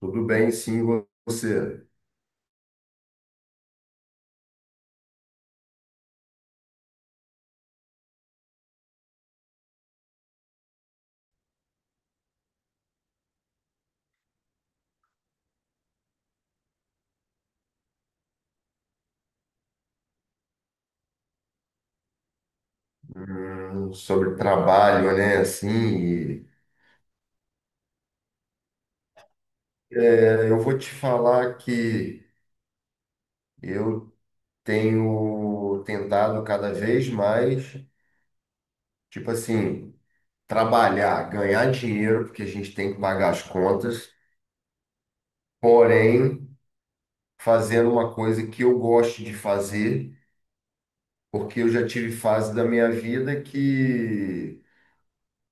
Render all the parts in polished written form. Tudo bem, sim, você. Sobre trabalho, né? Assim, eu vou te falar que eu tenho tentado cada vez mais, tipo assim, trabalhar, ganhar dinheiro, porque a gente tem que pagar as contas, porém, fazendo uma coisa que eu gosto de fazer, porque eu já tive fase da minha vida que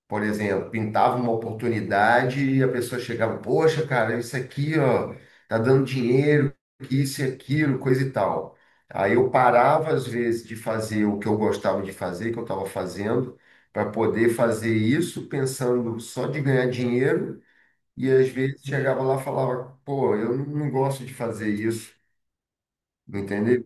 Por exemplo, pintava uma oportunidade e a pessoa chegava, poxa, cara, isso aqui, ó, tá dando dinheiro, que isso e aquilo, coisa e tal. Aí eu parava, às vezes, de fazer o que eu gostava de fazer, que eu estava fazendo, para poder fazer isso pensando só de ganhar dinheiro, e às vezes chegava lá e falava, pô, eu não gosto de fazer isso, entendeu?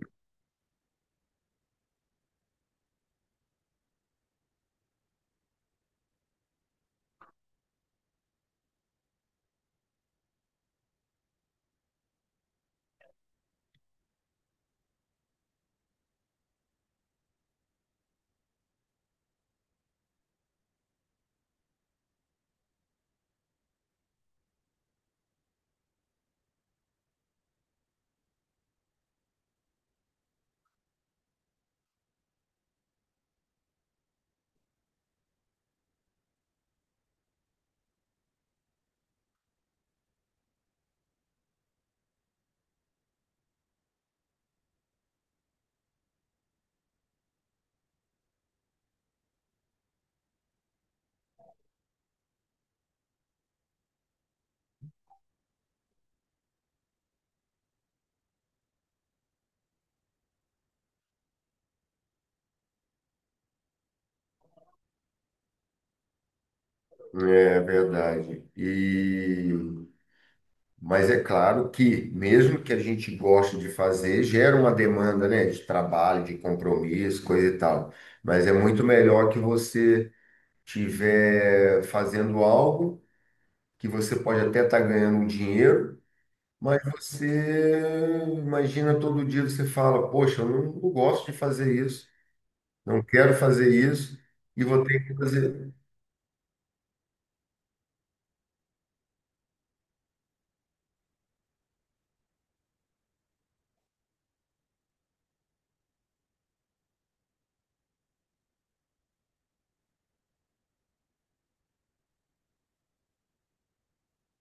É verdade. Mas é claro que, mesmo que a gente goste de fazer, gera uma demanda, né, de trabalho, de compromisso, coisa e tal. Mas é muito melhor que você tiver fazendo algo que você pode até estar ganhando um dinheiro, mas você imagina, todo dia você fala, poxa, eu não gosto de fazer isso, não quero fazer isso e vou ter que fazer.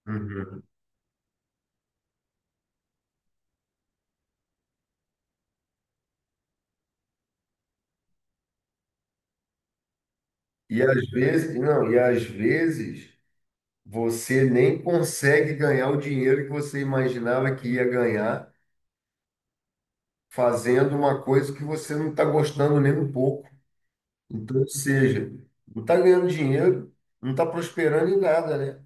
Uhum. E às vezes não, e às vezes você nem consegue ganhar o dinheiro que você imaginava que ia ganhar fazendo uma coisa que você não está gostando nem um pouco. Então, ou seja, não está ganhando dinheiro, não está prosperando em nada, né?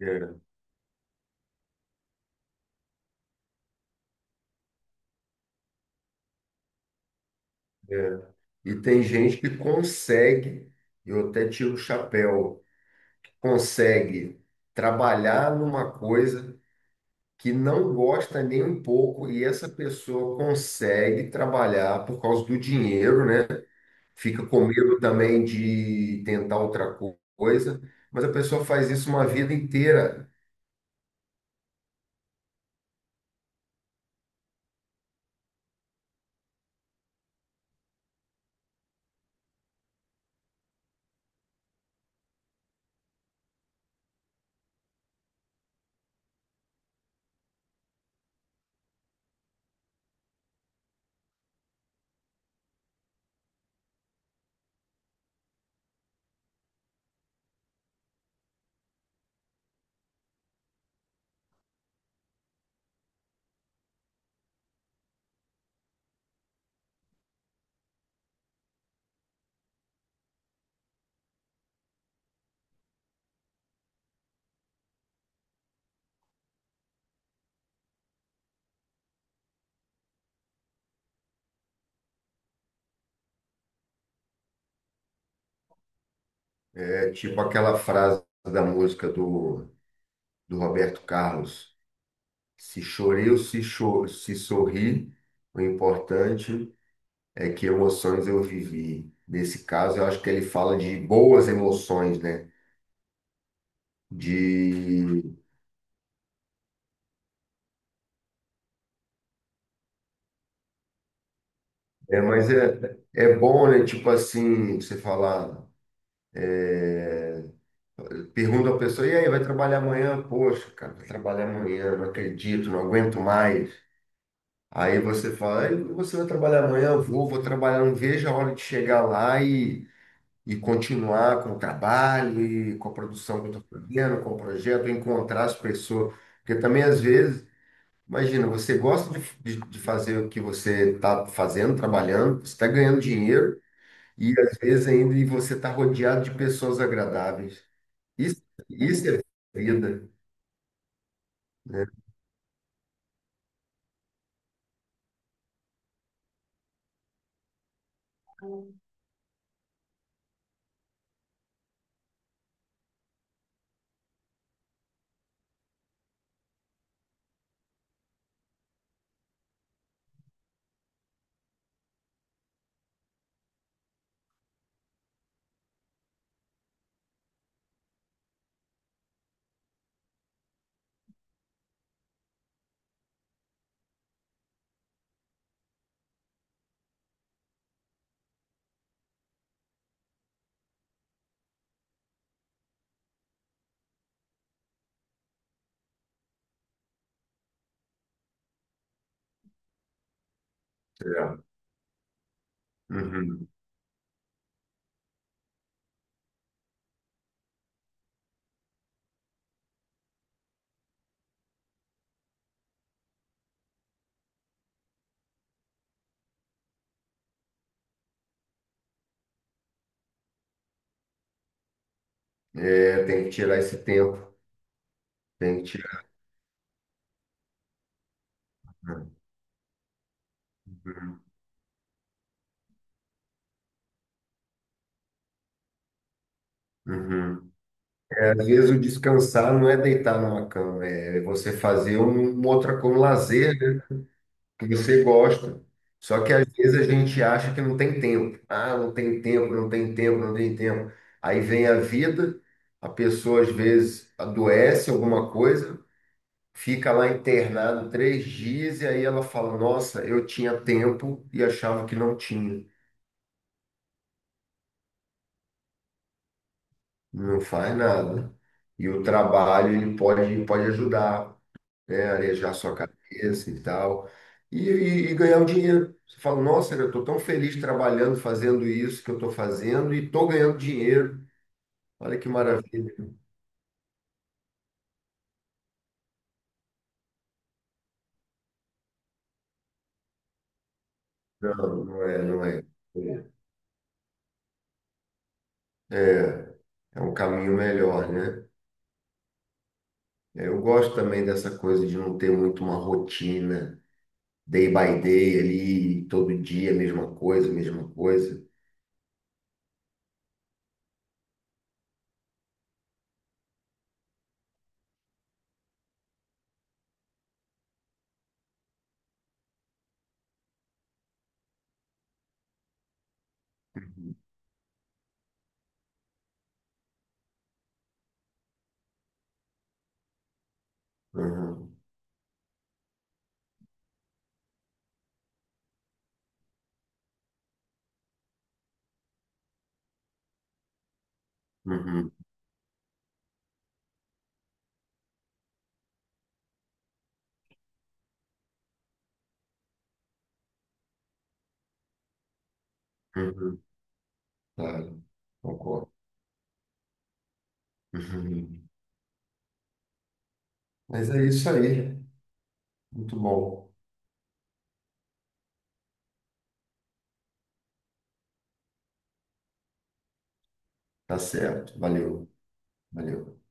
É, é. E tem gente que consegue, eu até tiro o chapéu, consegue trabalhar numa coisa que não gosta nem um pouco, e essa pessoa consegue trabalhar por causa do dinheiro, né? Fica com medo também de tentar outra coisa, mas a pessoa faz isso uma vida inteira. É tipo aquela frase da música do Roberto Carlos: se chorei ou se sorri, o importante é que emoções eu vivi. Nesse caso, eu acho que ele fala de boas emoções, né? De. É, mas é bom, né? Tipo assim, você falar. é, Pergunto à pessoa, e aí, vai trabalhar amanhã? Poxa, cara, vai trabalhar amanhã, não acredito, não aguento mais. Aí você fala, ei, você vai trabalhar amanhã? Eu vou trabalhar, não vejo a hora de chegar lá e continuar com o trabalho, e com a produção que eu estou fazendo, com o projeto, encontrar as pessoas. Porque também, às vezes, imagina, você gosta de fazer o que você está fazendo, trabalhando, você está ganhando dinheiro, e às vezes ainda e você está rodeado de pessoas agradáveis. Isso, isso é vida. Né. Tirar. Uhum. É, tem que tirar esse tempo. Tem que tirar. Uhum. Uhum. É, às vezes o descansar não é deitar numa cama, é você fazer uma outra com lazer, né, que você gosta. Só que às vezes a gente acha que não tem tempo. Ah, não tem tempo, não tem tempo, não tem tempo. Aí vem a vida, a pessoa às vezes adoece alguma coisa, fica lá internado 3 dias e aí ela fala, nossa, eu tinha tempo e achava que não tinha. Não faz nada. E o trabalho ele pode ajudar, né? Arejar sua cabeça e tal. E ganhar o dinheiro. Você fala, nossa, eu estou tão feliz trabalhando, fazendo isso que eu estou fazendo e estou ganhando dinheiro. Olha que maravilha. Não, não é, não é. É um caminho melhor, né? É, eu gosto também dessa coisa de não ter muito uma rotina, day by day ali, todo dia, mesma coisa, mesma coisa. Uhum, uhum, uhum. Claro, concordo. Mas é isso aí. Muito bom. Tá certo. Valeu, valeu.